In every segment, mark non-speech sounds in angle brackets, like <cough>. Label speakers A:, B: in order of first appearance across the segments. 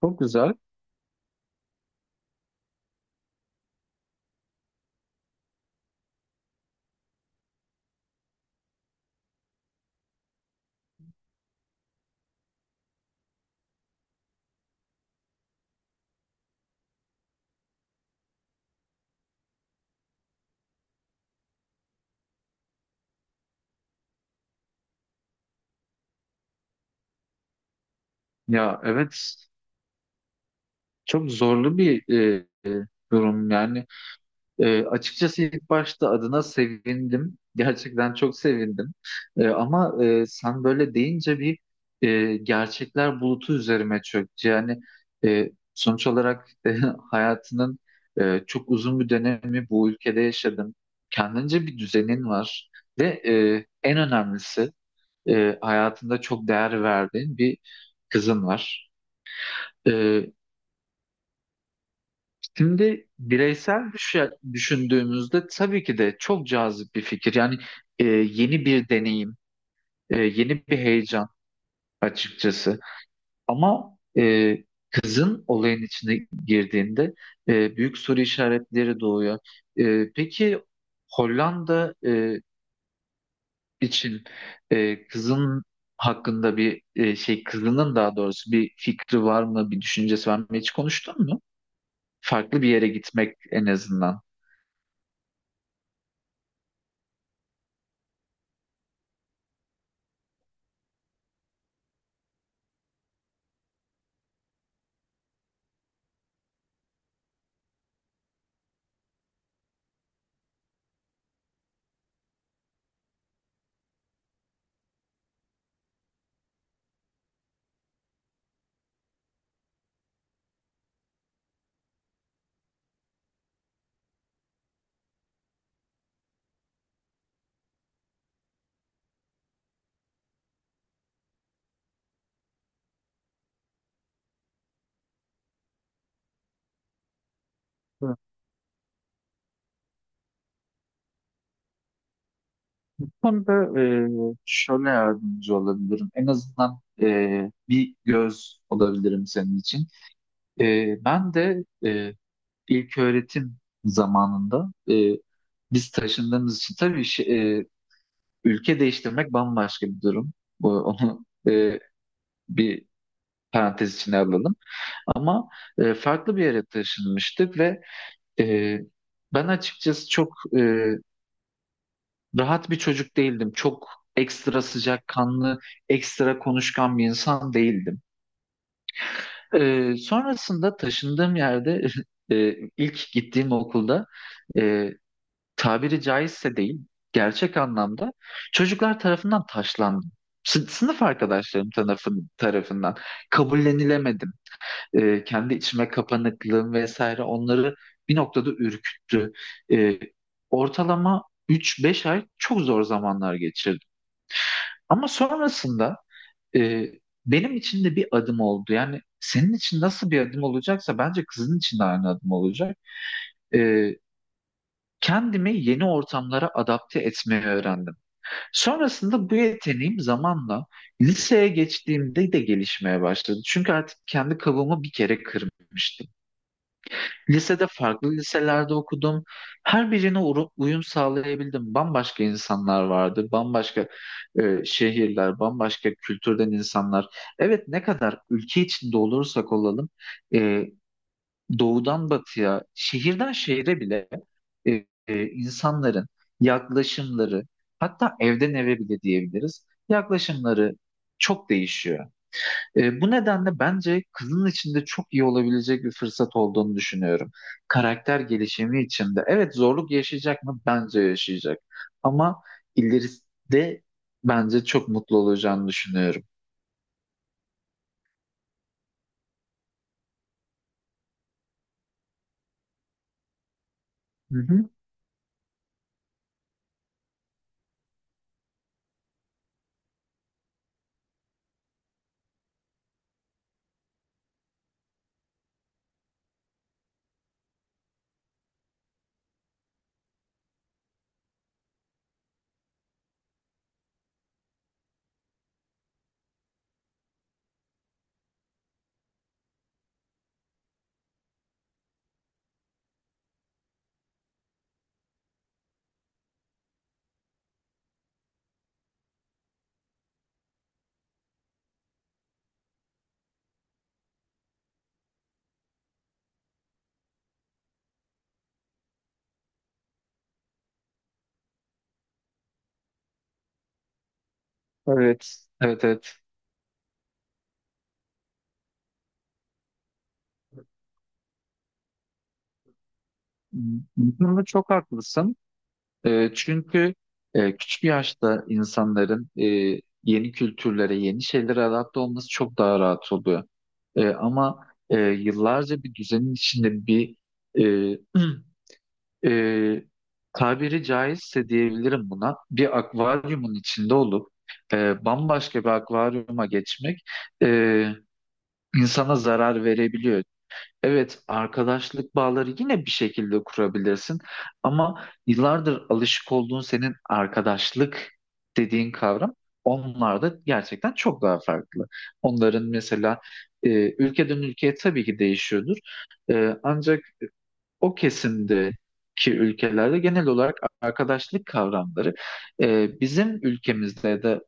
A: Çok güzel. Ya evet, çok zorlu bir durum yani. Açıkçası ilk başta adına sevindim. <laughs> Gerçekten çok sevindim. Ama sen böyle deyince bir gerçekler bulutu üzerime çöktü. Yani sonuç olarak <laughs> hayatının çok uzun bir dönemi bu ülkede yaşadın. Kendince bir düzenin var. Ve en önemlisi hayatında çok değer verdiğin bir kızın var. E, Şimdi bireysel düşündüğümüzde tabii ki de çok cazip bir fikir. Yani yeni bir deneyim, yeni bir heyecan açıkçası. Ama kızın olayın içine girdiğinde büyük soru işaretleri doğuyor. Peki Hollanda için kızın hakkında bir kızının daha doğrusu bir fikri var mı, bir düşüncesi var mı? Hiç konuştun mu? Farklı bir yere gitmek en azından. Konuda şöyle yardımcı olabilirim. En azından bir göz olabilirim senin için. Ben de ilk öğretim zamanında biz taşındığımız için tabii ülke değiştirmek bambaşka bir durum. Bu, onu bir parantez içine alalım. Ama farklı bir yere taşınmıştık ve e, ben açıkçası çok rahat bir çocuk değildim. Çok ekstra sıcakkanlı, ekstra konuşkan bir insan değildim. Sonrasında taşındığım yerde <laughs> ilk gittiğim okulda e, tabiri caizse değil, gerçek anlamda çocuklar tarafından taşlandım. Sınıf arkadaşlarım tarafından kabullenilemedim. Kendi içime kapanıklığım vesaire onları bir noktada ürküttü. Ee, Ortalama üç-beş ay çok zor zamanlar geçirdim. Ama sonrasında e, benim için de bir adım oldu. Yani senin için nasıl bir adım olacaksa bence kızın için de aynı adım olacak. E, Kendimi yeni ortamlara adapte etmeyi öğrendim. Sonrasında bu yeteneğim zamanla liseye geçtiğimde de gelişmeye başladı. Çünkü artık kendi kabuğumu bir kere kırmıştım. Lisede farklı liselerde okudum. Her birine uyum sağlayabildim. Bambaşka insanlar vardı, bambaşka şehirler, bambaşka kültürden insanlar. Evet, ne kadar ülke içinde olursak olalım, e, doğudan batıya, şehirden şehire bile insanların yaklaşımları, hatta evden eve bile diyebiliriz, yaklaşımları çok değişiyor. Bu nedenle bence kızın içinde çok iyi olabilecek bir fırsat olduğunu düşünüyorum. Karakter gelişimi içinde. Evet, zorluk yaşayacak mı? Bence yaşayacak. Ama ileride bence çok mutlu olacağını düşünüyorum. Hı hı. Evet. Evet, evet. Bu konuda çok haklısın. Çünkü küçük yaşta insanların yeni kültürlere, yeni şeylere adapte olması çok daha rahat oluyor. Ama yıllarca bir düzenin içinde bir e, <clears throat> e, tabiri caizse diyebilirim buna bir akvaryumun içinde olup bambaşka bir akvaryuma geçmek e, insana zarar verebiliyor. Evet, arkadaşlık bağları yine bir şekilde kurabilirsin ama yıllardır alışık olduğun senin arkadaşlık dediğin kavram onlar da gerçekten çok daha farklı. Onların mesela ülkeden ülkeye tabii ki değişiyordur. Ancak o kesimdeki ülkelerde genel olarak arkadaşlık kavramları bizim ülkemizde de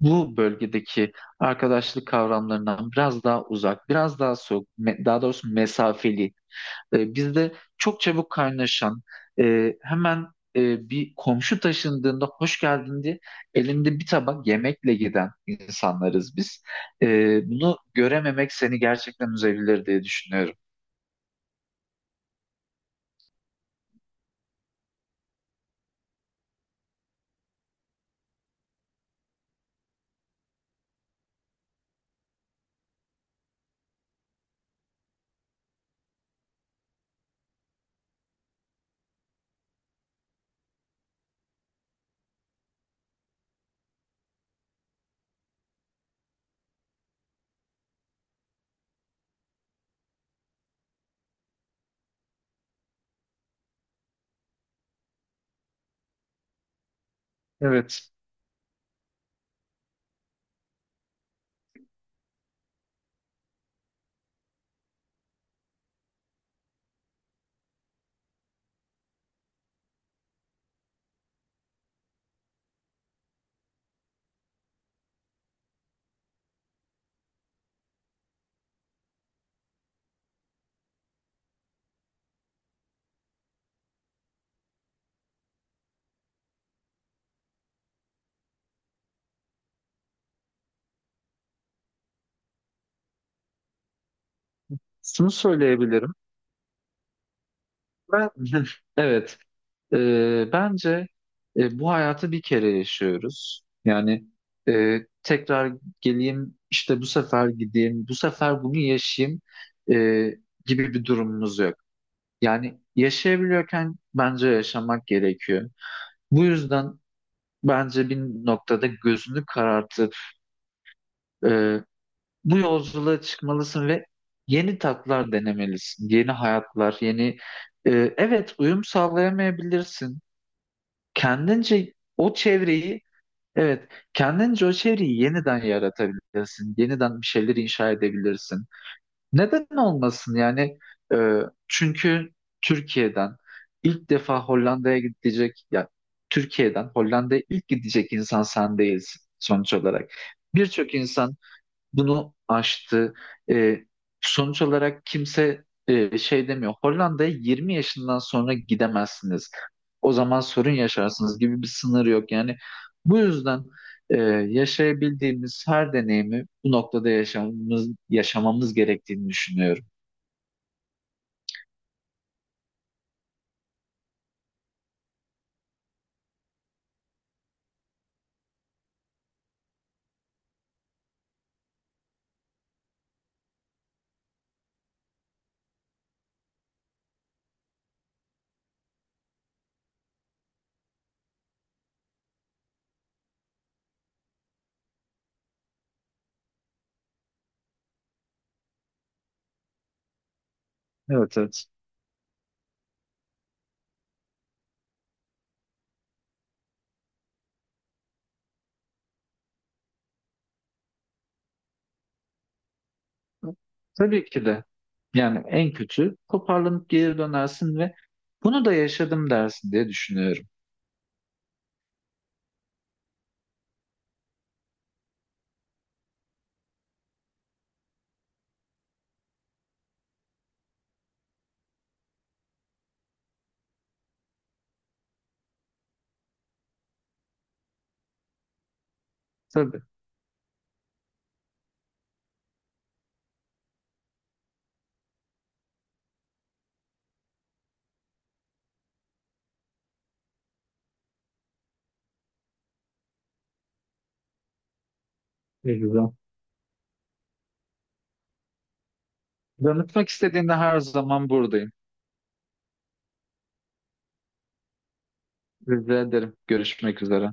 A: bu bölgedeki arkadaşlık kavramlarından biraz daha uzak, biraz daha soğuk, daha doğrusu mesafeli, bizde çok çabuk kaynaşan, hemen bir komşu taşındığında hoş geldin diye elinde bir tabak yemekle giden insanlarız biz. E, Bunu görememek seni gerçekten üzebilir diye düşünüyorum. Evet, şunu söyleyebilirim. Ben <laughs> evet. Bence bu hayatı bir kere yaşıyoruz. Yani e, tekrar geleyim, işte bu sefer gideyim, bu sefer bunu yaşayayım e, gibi bir durumumuz yok. Yani yaşayabiliyorken bence yaşamak gerekiyor. Bu yüzden bence bir noktada gözünü karartıp e, bu yolculuğa çıkmalısın ve yeni tatlar denemelisin, yeni hayatlar, yeni... E, evet, uyum sağlayamayabilirsin. Kendince o çevreyi evet, kendince o çevreyi yeniden yaratabilirsin, yeniden bir şeyler inşa edebilirsin. Neden olmasın yani? Ee, Çünkü Türkiye'den ilk defa Hollanda'ya gidecek, ya Türkiye'den Hollanda'ya ilk gidecek insan sen değilsin sonuç olarak. Birçok insan bunu aştı. E, Sonuç olarak kimse şey demiyor. Hollanda'ya 20 yaşından sonra gidemezsiniz. O zaman sorun yaşarsınız gibi bir sınır yok. Yani bu yüzden e, yaşayabildiğimiz her deneyimi bu noktada yaşamamız gerektiğini düşünüyorum. Evet, evet. Tabii ki de. Yani en kötü toparlanıp geri dönersin ve bunu da yaşadım dersin diye düşünüyorum. Tabii. Ne güzel. Danışmak istediğinde her zaman buradayım. Rica ederim. Görüşmek üzere.